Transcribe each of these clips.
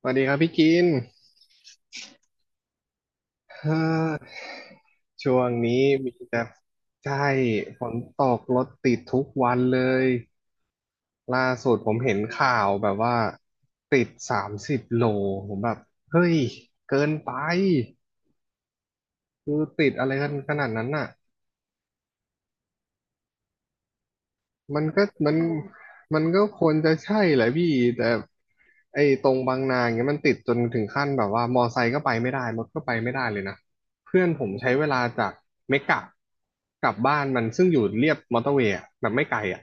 สวัสดีครับพี่กิน เอ่อช่วงนี้มีแต่ใช่ฝนตกรถติดทุกวันเลย ล่าสุดผมเห็นข่าวแบบว่าติดสามสิบโลผมแบบเฮ้ยเกินไปคือติดอะไรกันขนาดนั้นน่ะ มันก็มันมันก็ควรจะใช่แหละพี่แต่ไอ้ตรงบางนาอย่างเงี้ยมันติดจนถึงขั้นแบบว่ามอไซค์ก็ไปไม่ได้รถก็ไปไม่ได้เลยนะเพื่อนผมใช้เวลาจากเมกะกลับบ้านมันซึ่งอยู่เรียบมอเตอร์เวย์อะแบบไม่ไกลอ่ะ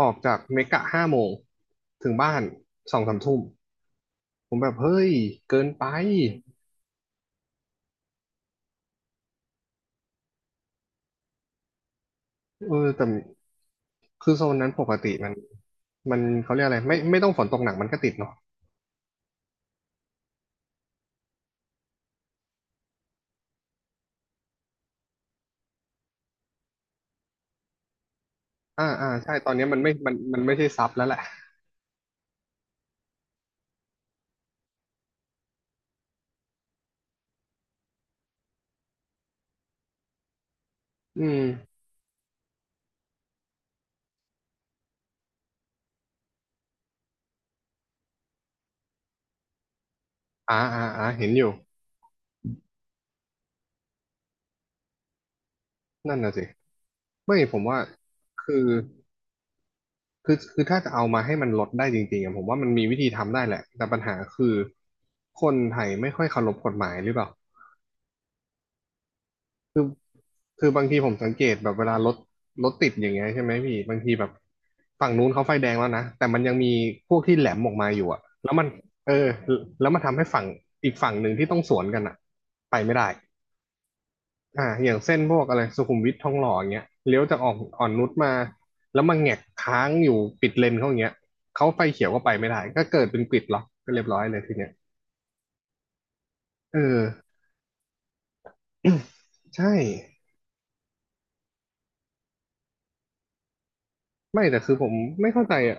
ออกจากเมกะ5โมงถึงบ้าน2-3ทุ่มผมแบบเฮ้ยเกินไปเออแต่คือโซนนั้นปกติมันมันเขาเรียกอะไรไม่ต้องฝนตกหนักมันก็ติดเนาะ อ่าอ่าใช่ตอนนี้มันไม่มันมันไม่ใช่ซับแล้วแหละอืมอ่าอ่าอ่าเห็นอยู่นั่นน่ะสิไม่ผมว่าคือคือถ้าจะเอามาให้มันลดได้จริงๆอะผมว่ามันมีวิธีทำได้แหละแต่ปัญหาคือคนไทยไม่ค่อยเคารพกฎหมายหรือเปล่าคือคือบางทีผมสังเกตแบบเวลารถติดอย่างเงี้ยใช่ไหมพี่บางทีแบบฝั่งนู้นเขาไฟแดงแล้วนะแต่มันยังมีพวกที่แหลมออกมาอยู่อะแล้วมันเออแล้วมันทำให้ฝั่งอีกฝั่งหนึ่งที่ต้องสวนกันอะไปไม่ได้ อ่าอย่างเส้นพวกอะไรสุขุมวิททองหล่ออย่างเงี้ยเลี้ยวจากอ่อนนุชมาแล้วมาแงกค้างอยู่ปิดเลนเขาอย่างเงี้ยเขาไฟเขียวก็ไปไม่ได้ก็เกิดเป็นกริดล็อกก็เรียบร้อยเลยทีเนี้ยเออ ใช่ไม่แต่คือผมไม่เข้าใจอ่ะ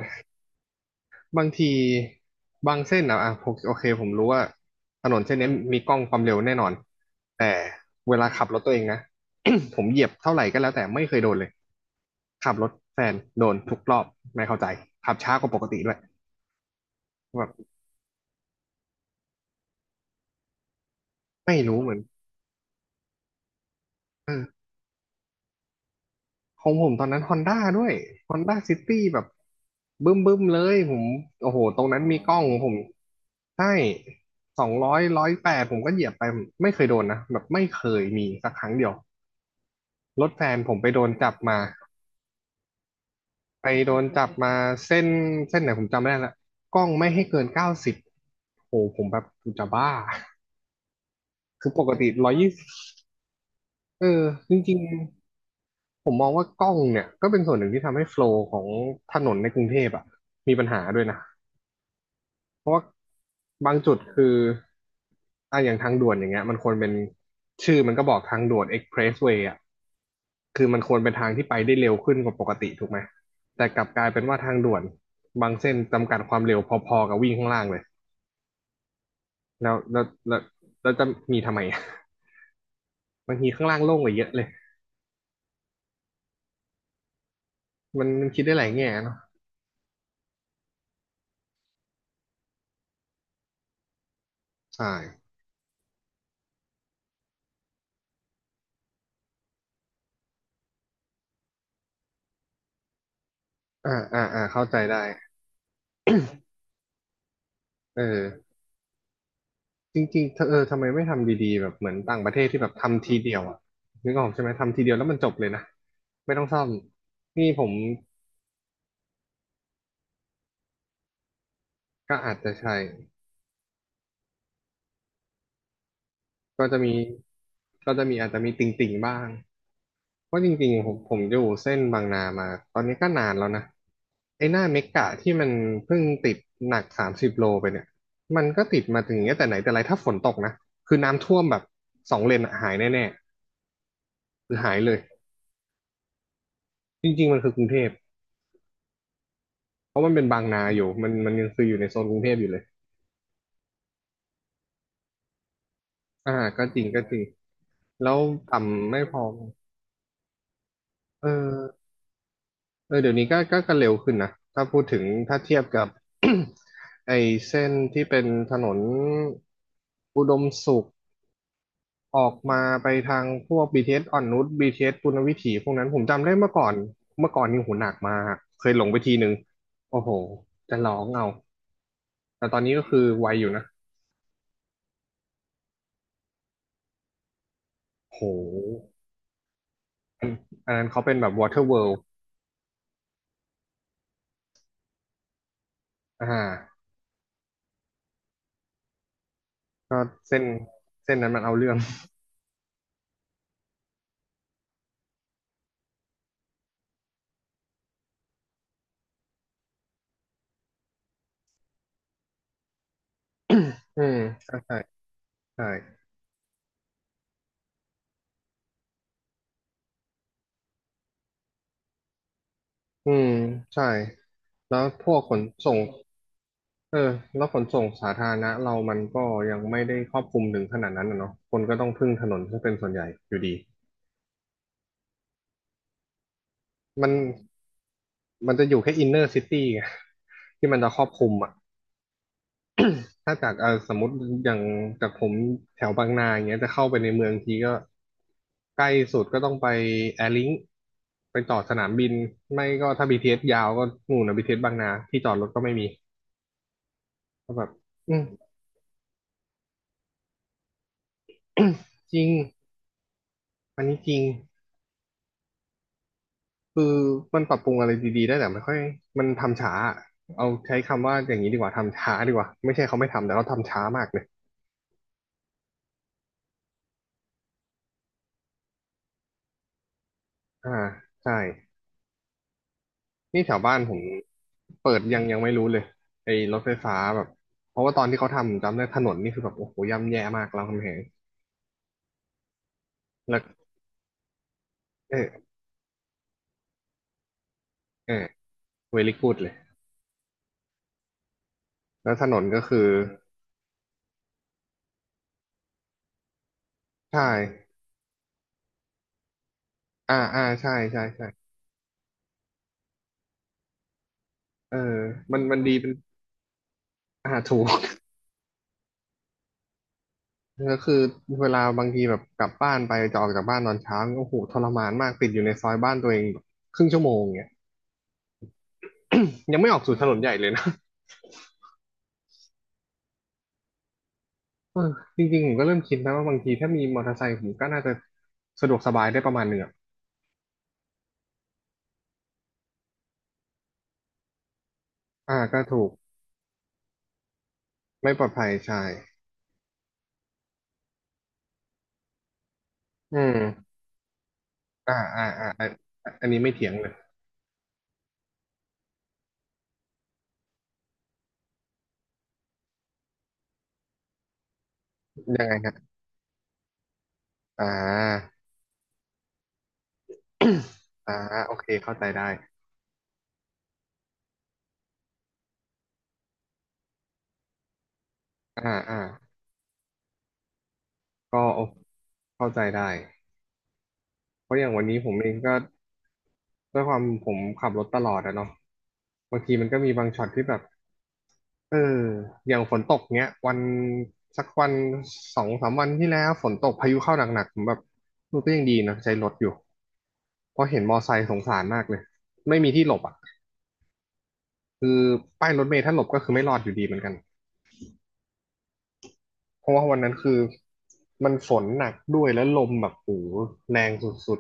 บางทีบางเส้นอ่ะอ่ะผมโอเคผมรู้ว่าถนนเส้นนี้มีกล้องความเร็วแน่นอนแต่เวลาขับรถตัวเองนะ ผมเหยียบเท่าไหร่ก็แล้วแต่ไม่เคยโดนเลยขับรถแฟนโดนทุกรอบไม่เข้าใจขับช้ากว่าปกติด้วยแบบ ไม่รู้เหมือนเออของผมตอนนั้นฮอนด้าด้วยฮอนด้าซิตี้แบบบึ้มบึ้มเลยผมโอ้โห ตรงนั้นมีกล้องผมใช่200108ผมก็เหยียบไป ไม่เคยโดนนะ แบบไม่เคยมีสักครั้งเดียว รถแฟนผมไปโดนจับมา ไปโดนจับมาเส้น ไหนผมจำไม่ได้ละกล้องไม่ให้เกิน90โอ้โห ผมแบบกูจะบ้า คือปกติ120เออ จริง ผมมองว่ากล้องเนี่ยก็เป็นส่วนหนึ่งที่ทำให้โฟลว์ของถนนในกรุงเทพอ่ะมีปัญหาด้วยนะเพราะว่าบางจุดคืออ่ะอย่างทางด่วนอย่างเงี้ยมันควรเป็นชื่อมันก็บอกทางด่วนเอ็กเพรสเวย์อ่ะคือมันควรเป็นทางที่ไปได้เร็วขึ้นกว่าปกติถูกไหมแต่กลับกลายเป็นว่าทางด่วนบางเส้นจำกัดความเร็วพอๆกับวิ่งข้างล่างเลยแล้วแล้วแล้วแล้วจะมีทำไม บางทีข้างล่างโล่งกว่าเยอะเลยมันมันคิดได้หลายแง่เนาะใช่อ่าอ่าอ่าเข้าใจได้เออ จริงๆเธอเออทำไมไม่ทำดีๆแบบเหมือนต่างประเทศที่แบบทำทีเดียวอ่ะนึกออกใช่ไหมทำทีเดียวแล้วมันจบเลยนะไม่ต้องซ่อมนี่ผมก็อาจจะใช่ก็จะมีอาจจะมีติ่งๆบ้างเพราะจริงๆผมอยู่เส้นบางนามาตอนนี้ก็นานแล้วนะไอ้หน้าเมกะที่มันเพิ่งติดหนักสามสิบโลไปเนี่ยมันก็ติดมาถึงอย่างเงี้ยแต่ไหนแต่ไรถ้าฝนตกนะคือน้ำท่วมแบบสองเลนอะหายแน่ๆคือหายเลยจริงๆมันคือกรุงเทพ เพราะมันเป็นบางนาอยู่ มันยังคืออยู่ในโซนกรุงเทพอยู่เลยอ่าก็จริงก็จริง แล้วต่ำไม่พอ เออเออเดี๋ยวนี้ก็เร็วขึ้นนะ ถ้าพูดถึงถ้าเทียบกับ ไอ้เส้นที่เป็นถนนอุดมสุขออกมาไปทางพวก BTS อสอ่อนนุช BTS ปุณณวิถีพวกนั้นผมจำได้เมื่อก่อน เมื่อก่อนนี่โหูหนักมากเคยหลงไปทีนึงโอ้โห จะร้องเอาแต่ตอนนี้ก็คือไวอยู่นะโหอันนั้นเขาเป็นแบบ Water World อ่า ก็เส้นนั้นมันเอาเรื่อง อืมใช่ใช่ใช่อืมใช่แล้วพวกขนส่งเออแล้วขนส่งสาธารณะเรามันก็ยังไม่ได้ครอบคลุมถึงขนาดนั้นนะเนาะคนก็ต้องพึ่งถนนซึ่งเป็นส่วนใหญ่อยู่ดี มันมันจะอยู่แค่อินเนอร์ซิตี้ไงที่มันจะครอบคลุมอ่ะ ถ้าจากสมมติอย่างจากผมแถวบางนาอย่างเงี้ยจะเข้าไปในเมืองทีก็ใกล้สุดก็ต้องไปแอร์ลิงไปต่อสนามบินไม่ก็ถ้า BTS ยาวก็นู่นนะบีทีเ t สบางนาที่จอดรถก็ไม่มีก็แบบอืมจริงอันนี้จริงคือมันปรับปรุงอะไรดีๆได้แต่ไม่ค่อยมันทำช้าเอาใช้คำว่าอย่างนี้ดีกว่าทำช้าดีกว่าไม่ใช่เขาไม่ทำแต่เขาทำช้ามากเลยอ่าใช่ นี่แถวบ้านผมเปิดยังไม่รู้เลยไอ้รถไฟฟ้าแบบเพราะว่าตอนที่เขาทำจำได้ถนนนี่คือแบบโอ้โหย่ำแย่มากรามคำแหงแล้วเออเออเวลิกูดเลยแล้วถนนก็คือใช่อ่าอ่าใช่ใช่ใช่เออมันดีเป็นอ่าถูก ก็คือเวลาบางทีแบบกลับบ้านไปจะออกจากบ้านตอนเช้าโอ้โหทรมานมากติดอยู่ในซอยบ้านตัวเองแบบครึ่งชั่วโมงเนี่ย ยังไม่ออกสู่ถนนใหญ่เลยนะ เออจริงๆผมก็เริ่มคิดนะว่าบางทีถ้ามีมอเตอร์ไซค์ผมก็น่าจะสะดวกสบายได้ประมาณหนึ่งอะอ่าก็ถูกไม่ปลอดภัยใช่อืมอ่าอ่าอ่าอันอันนี้ไม่เถียงเลยยังไงฮะอ่า อ่าโอเคเข้าใจได้อ่าอ่าก็โอเข้าใจได้เพราะอย่างวันนี้ผมเองก็ด้วยความผมขับรถตลอดอะเนาะบางทีมันก็มีบางช็อตที่แบบ เอออย่างฝนตกเงี้ยวันสักวันสองสามวันที่แล้วฝนตกพายุเข้าหนักๆผมแบบเออก็ยังดีนะใช้รถอยู่เพราะเห็นมอไซค์สงสารมากเลยไม่มีที่หลบอ่ะคือป้ายรถเมล์ถ้าหลบก็คือไม่รอดอยู่ดีเหมือนกันเพราะว่าวันนั้นคือมันฝนหนักด้วยแล้วลมแบบโอ้โหแรงสุด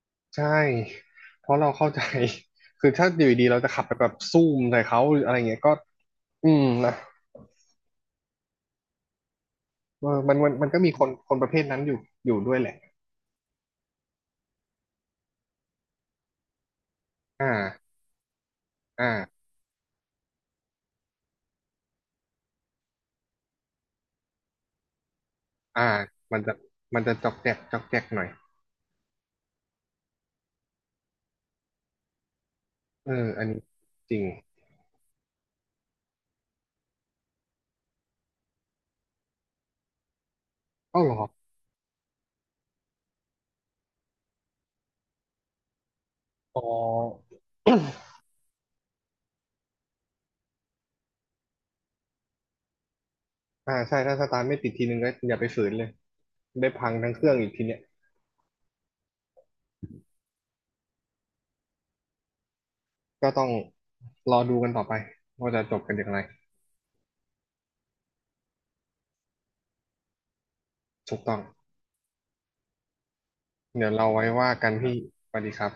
ๆใช่เพราะเราเข้าใจ คือถ้าอยู่ดีๆเราจะขับไปแบบซูมใส่เขาหรืออะไรเงี้ยก็อืมนะเออมันก็มีคนประเภทนั้นอยู่อยู่ด้วยแหละอ่า อ่า อ่า มันจะมันจะจอกแจกจอกแจกหน่อยเอออันนี้จริงเอ้าเหรออ๋ออ่า ใช่ ถ้าสตาร์ทไม่ติดทีนึงก็อย่าไปฝืนเลย ได้พังทั้งเครื่องอีกทีเนี้ยก็ต้องรอดูกันต่อไปว่าจะจบกันอย่างไรถูกต้อง เดี๋ยวเราไว้ว่ากันพี่สวัสดีครับ